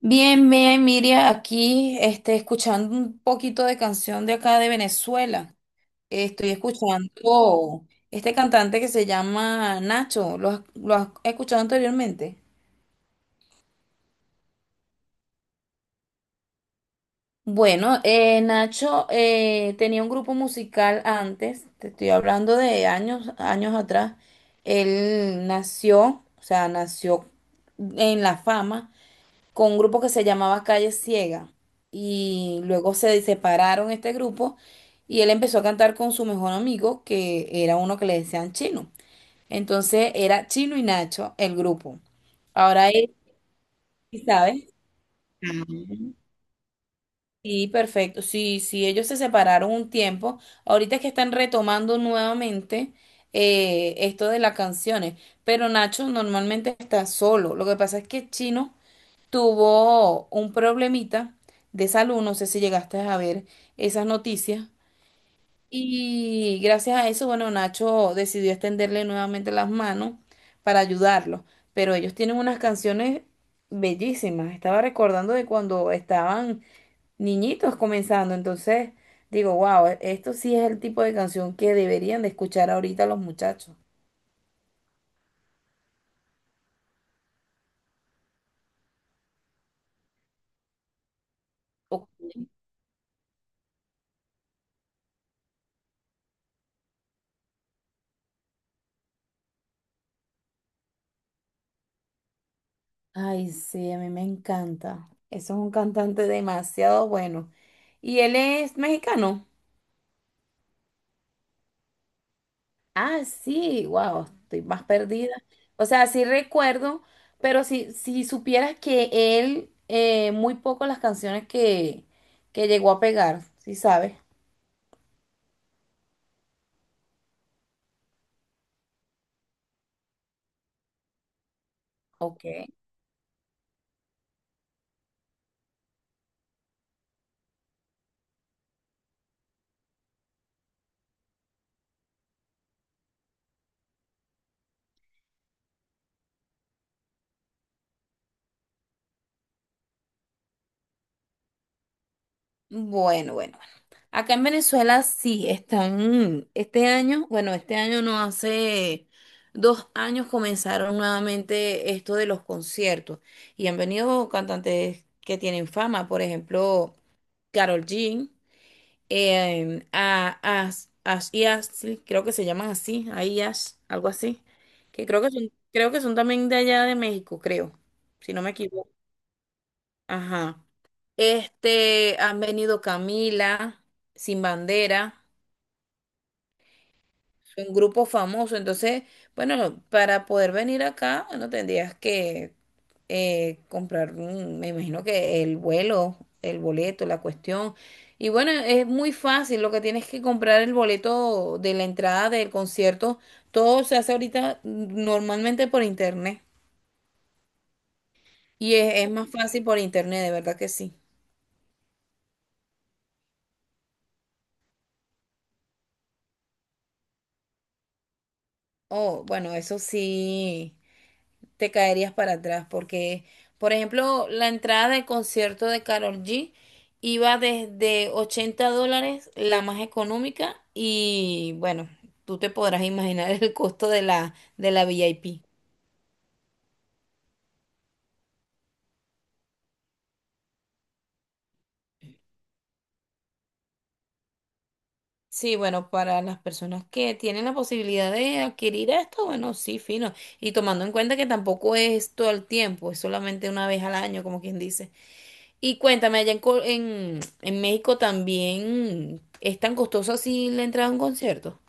Bien, bien, Miria, aquí este, escuchando un poquito de canción de acá de Venezuela. Estoy escuchando este cantante que se llama Nacho. ¿Lo has escuchado anteriormente? Bueno, Nacho tenía un grupo musical antes, te estoy hablando de años, años atrás. Él nació, o sea, nació en la fama con un grupo que se llamaba Calle Ciega. Y luego se separaron este grupo y él empezó a cantar con su mejor amigo, que era uno que le decían Chino. Entonces era Chino y Nacho el grupo. Ahora él, ¿sabes? Sí, perfecto. Sí, sí, ellos se separaron un tiempo. Ahorita es que están retomando nuevamente esto de las canciones, pero Nacho normalmente está solo. Lo que pasa es que Chino tuvo un problemita de salud, no sé si llegaste a ver esas noticias. Y gracias a eso, bueno, Nacho decidió extenderle nuevamente las manos para ayudarlo. Pero ellos tienen unas canciones bellísimas. Estaba recordando de cuando estaban niñitos comenzando. Entonces, digo, wow, esto sí es el tipo de canción que deberían de escuchar ahorita los muchachos. Ay, sí, a mí me encanta. Eso es un cantante demasiado bueno. ¿Y él es mexicano? Ah, sí, wow, estoy más perdida. O sea, sí recuerdo, pero si supieras que él, muy poco las canciones que llegó a pegar, ¿sí sabes? Ok. Bueno, bueno. Acá en Venezuela sí están, este año, bueno, este año no, hace 2 años comenzaron nuevamente esto de los conciertos y han venido cantantes que tienen fama, por ejemplo, Karol G, y Ashley, creo que se llaman así, ahí Ash, algo así, que creo que son también de allá de México, creo, si no me equivoco. Ajá. Este, han venido Camila, Sin Bandera. Un grupo famoso. Entonces, bueno, para poder venir acá, bueno, tendrías que comprar, un- me imagino que el vuelo, el boleto, la cuestión. Y bueno, es muy fácil, lo que tienes que comprar el boleto de la entrada del concierto, todo se hace ahorita normalmente por internet. Y es más fácil por internet, de verdad que sí. Oh, bueno, eso sí. Te caerías para atrás, porque, por ejemplo, la entrada del concierto de Karol G iba desde $80, la más económica, y bueno, tú te podrás imaginar el costo de la VIP. Sí, bueno, para las personas que tienen la posibilidad de adquirir esto, bueno, sí, fino. Y tomando en cuenta que tampoco es todo el tiempo, es solamente una vez al año, como quien dice. Y cuéntame, allá en, en México también es tan costoso así la entrada a un concierto.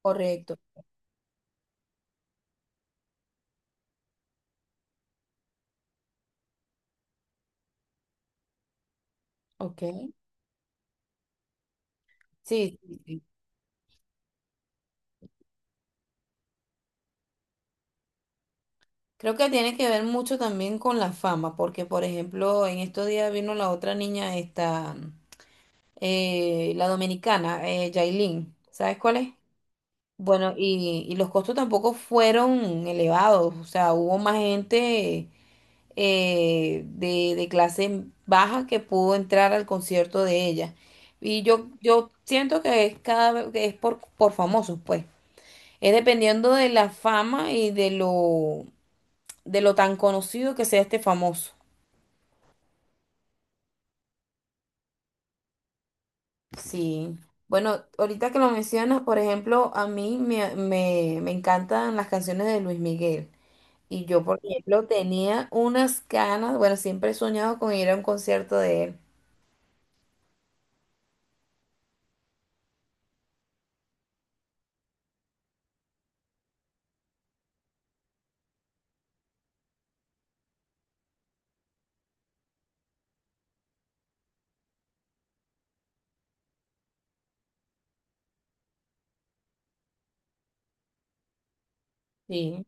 Correcto. Ok. Sí, sí, sí. Creo que tiene que ver mucho también con la fama, porque por ejemplo, en estos días vino la otra niña, esta, la dominicana, Yailin. ¿Sabes cuál es? Bueno, y los costos tampoco fueron elevados, o sea, hubo más gente de, clase baja que pudo entrar al concierto de ella. Y yo siento que es cada vez que es por, famosos, pues. Es dependiendo de la fama y de lo tan conocido que sea este famoso. Sí. Bueno, ahorita que lo mencionas, por ejemplo, a mí me encantan las canciones de Luis Miguel. Y yo, por ejemplo, tenía unas ganas, bueno, siempre he soñado con ir a un concierto de él. Sí.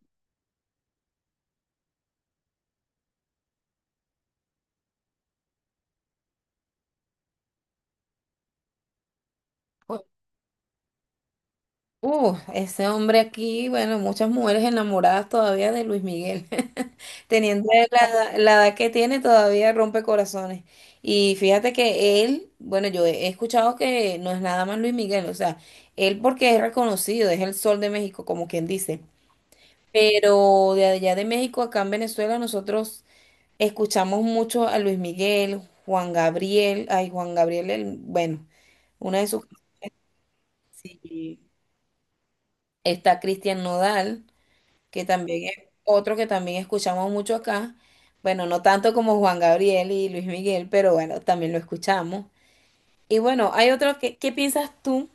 Ese hombre aquí, bueno, muchas mujeres enamoradas todavía de Luis Miguel, teniendo la, la edad que tiene, todavía rompe corazones. Y fíjate que él, bueno, yo he escuchado que no es nada más Luis Miguel, o sea, él porque es reconocido, es el sol de México, como quien dice. Pero de allá de México, acá en Venezuela, nosotros escuchamos mucho a Luis Miguel, Juan Gabriel, ay, Juan Gabriel, el- bueno, una de sus... Sí. Está Cristian Nodal. Que también es otro que también escuchamos mucho acá. Bueno, no tanto como Juan Gabriel y Luis Miguel, pero bueno, también lo escuchamos. Y bueno, hay otro que, ¿qué piensas tú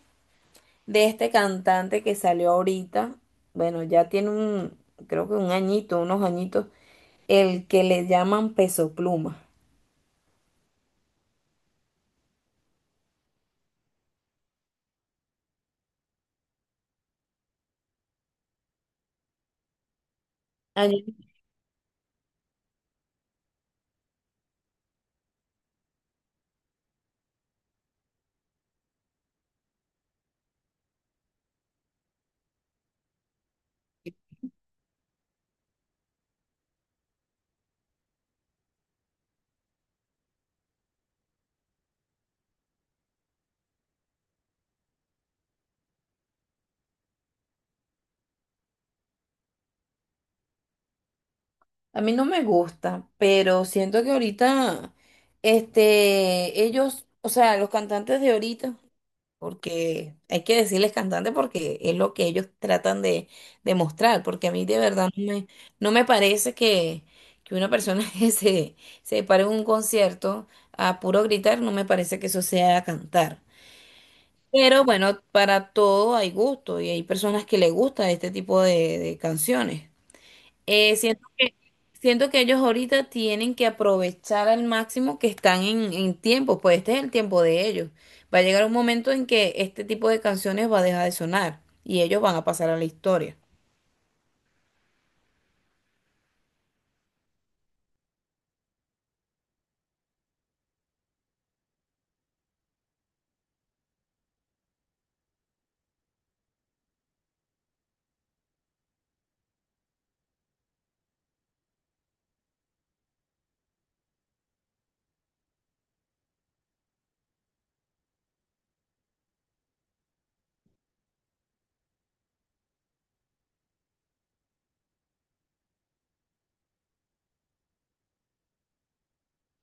de este cantante que salió ahorita? Bueno, ya tiene un, creo que un añito, unos añitos, el que le llaman Peso Pluma. A mí, a mí no me gusta, pero siento que ahorita, este, ellos, o sea, los cantantes de ahorita porque hay que decirles cantante porque es lo que ellos tratan de, mostrar, porque a mí de verdad no me, no me parece que una persona que se pare en un concierto a puro gritar, no me parece que eso sea cantar. Pero bueno, para todo hay gusto y hay personas que le gusta este tipo de, canciones. Siento que, siento que ellos ahorita tienen que aprovechar al máximo que están en tiempo, pues este es el tiempo de ellos. Va a llegar un momento en que este tipo de canciones va a dejar de sonar y ellos van a pasar a la historia.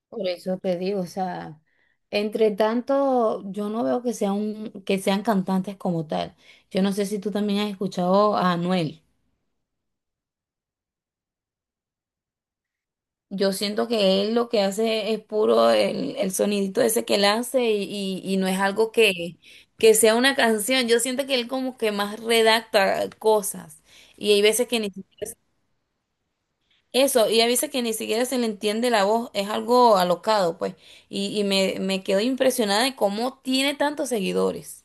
Por eso te digo, o sea, entre tanto, yo no veo que sea un- que sean cantantes como tal. Yo no sé si tú también has escuchado a Anuel. Yo siento que él lo que hace es puro el, sonidito ese que él hace y no es algo que sea una canción. Yo siento que él como que más redacta cosas y hay veces que ni si, eso, y hay veces que ni siquiera se le entiende la voz, es algo alocado, pues. Y me quedo impresionada de cómo tiene tantos seguidores.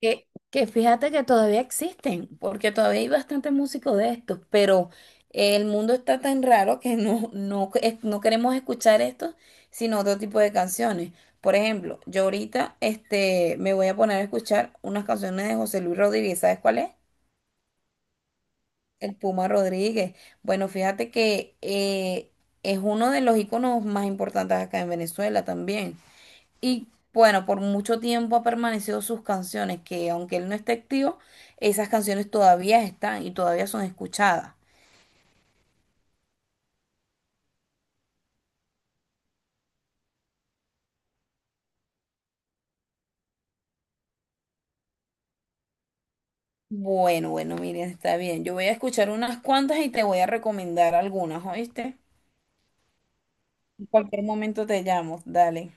Que fíjate que todavía existen, porque todavía hay bastantes músicos de estos, pero el mundo está tan raro que no, no queremos escuchar estos, sino otro tipo de canciones. Por ejemplo, yo ahorita este, me voy a poner a escuchar unas canciones de José Luis Rodríguez. ¿Sabes cuál es? El Puma Rodríguez. Bueno, fíjate que es uno de los íconos más importantes acá en Venezuela también. Y bueno, por mucho tiempo ha permanecido sus canciones, que aunque él no esté activo, esas canciones todavía están y todavía son escuchadas. Bueno, bueno, miren, está bien. Yo voy a escuchar unas cuantas y te voy a recomendar algunas, ¿oíste? En cualquier momento te llamo, dale.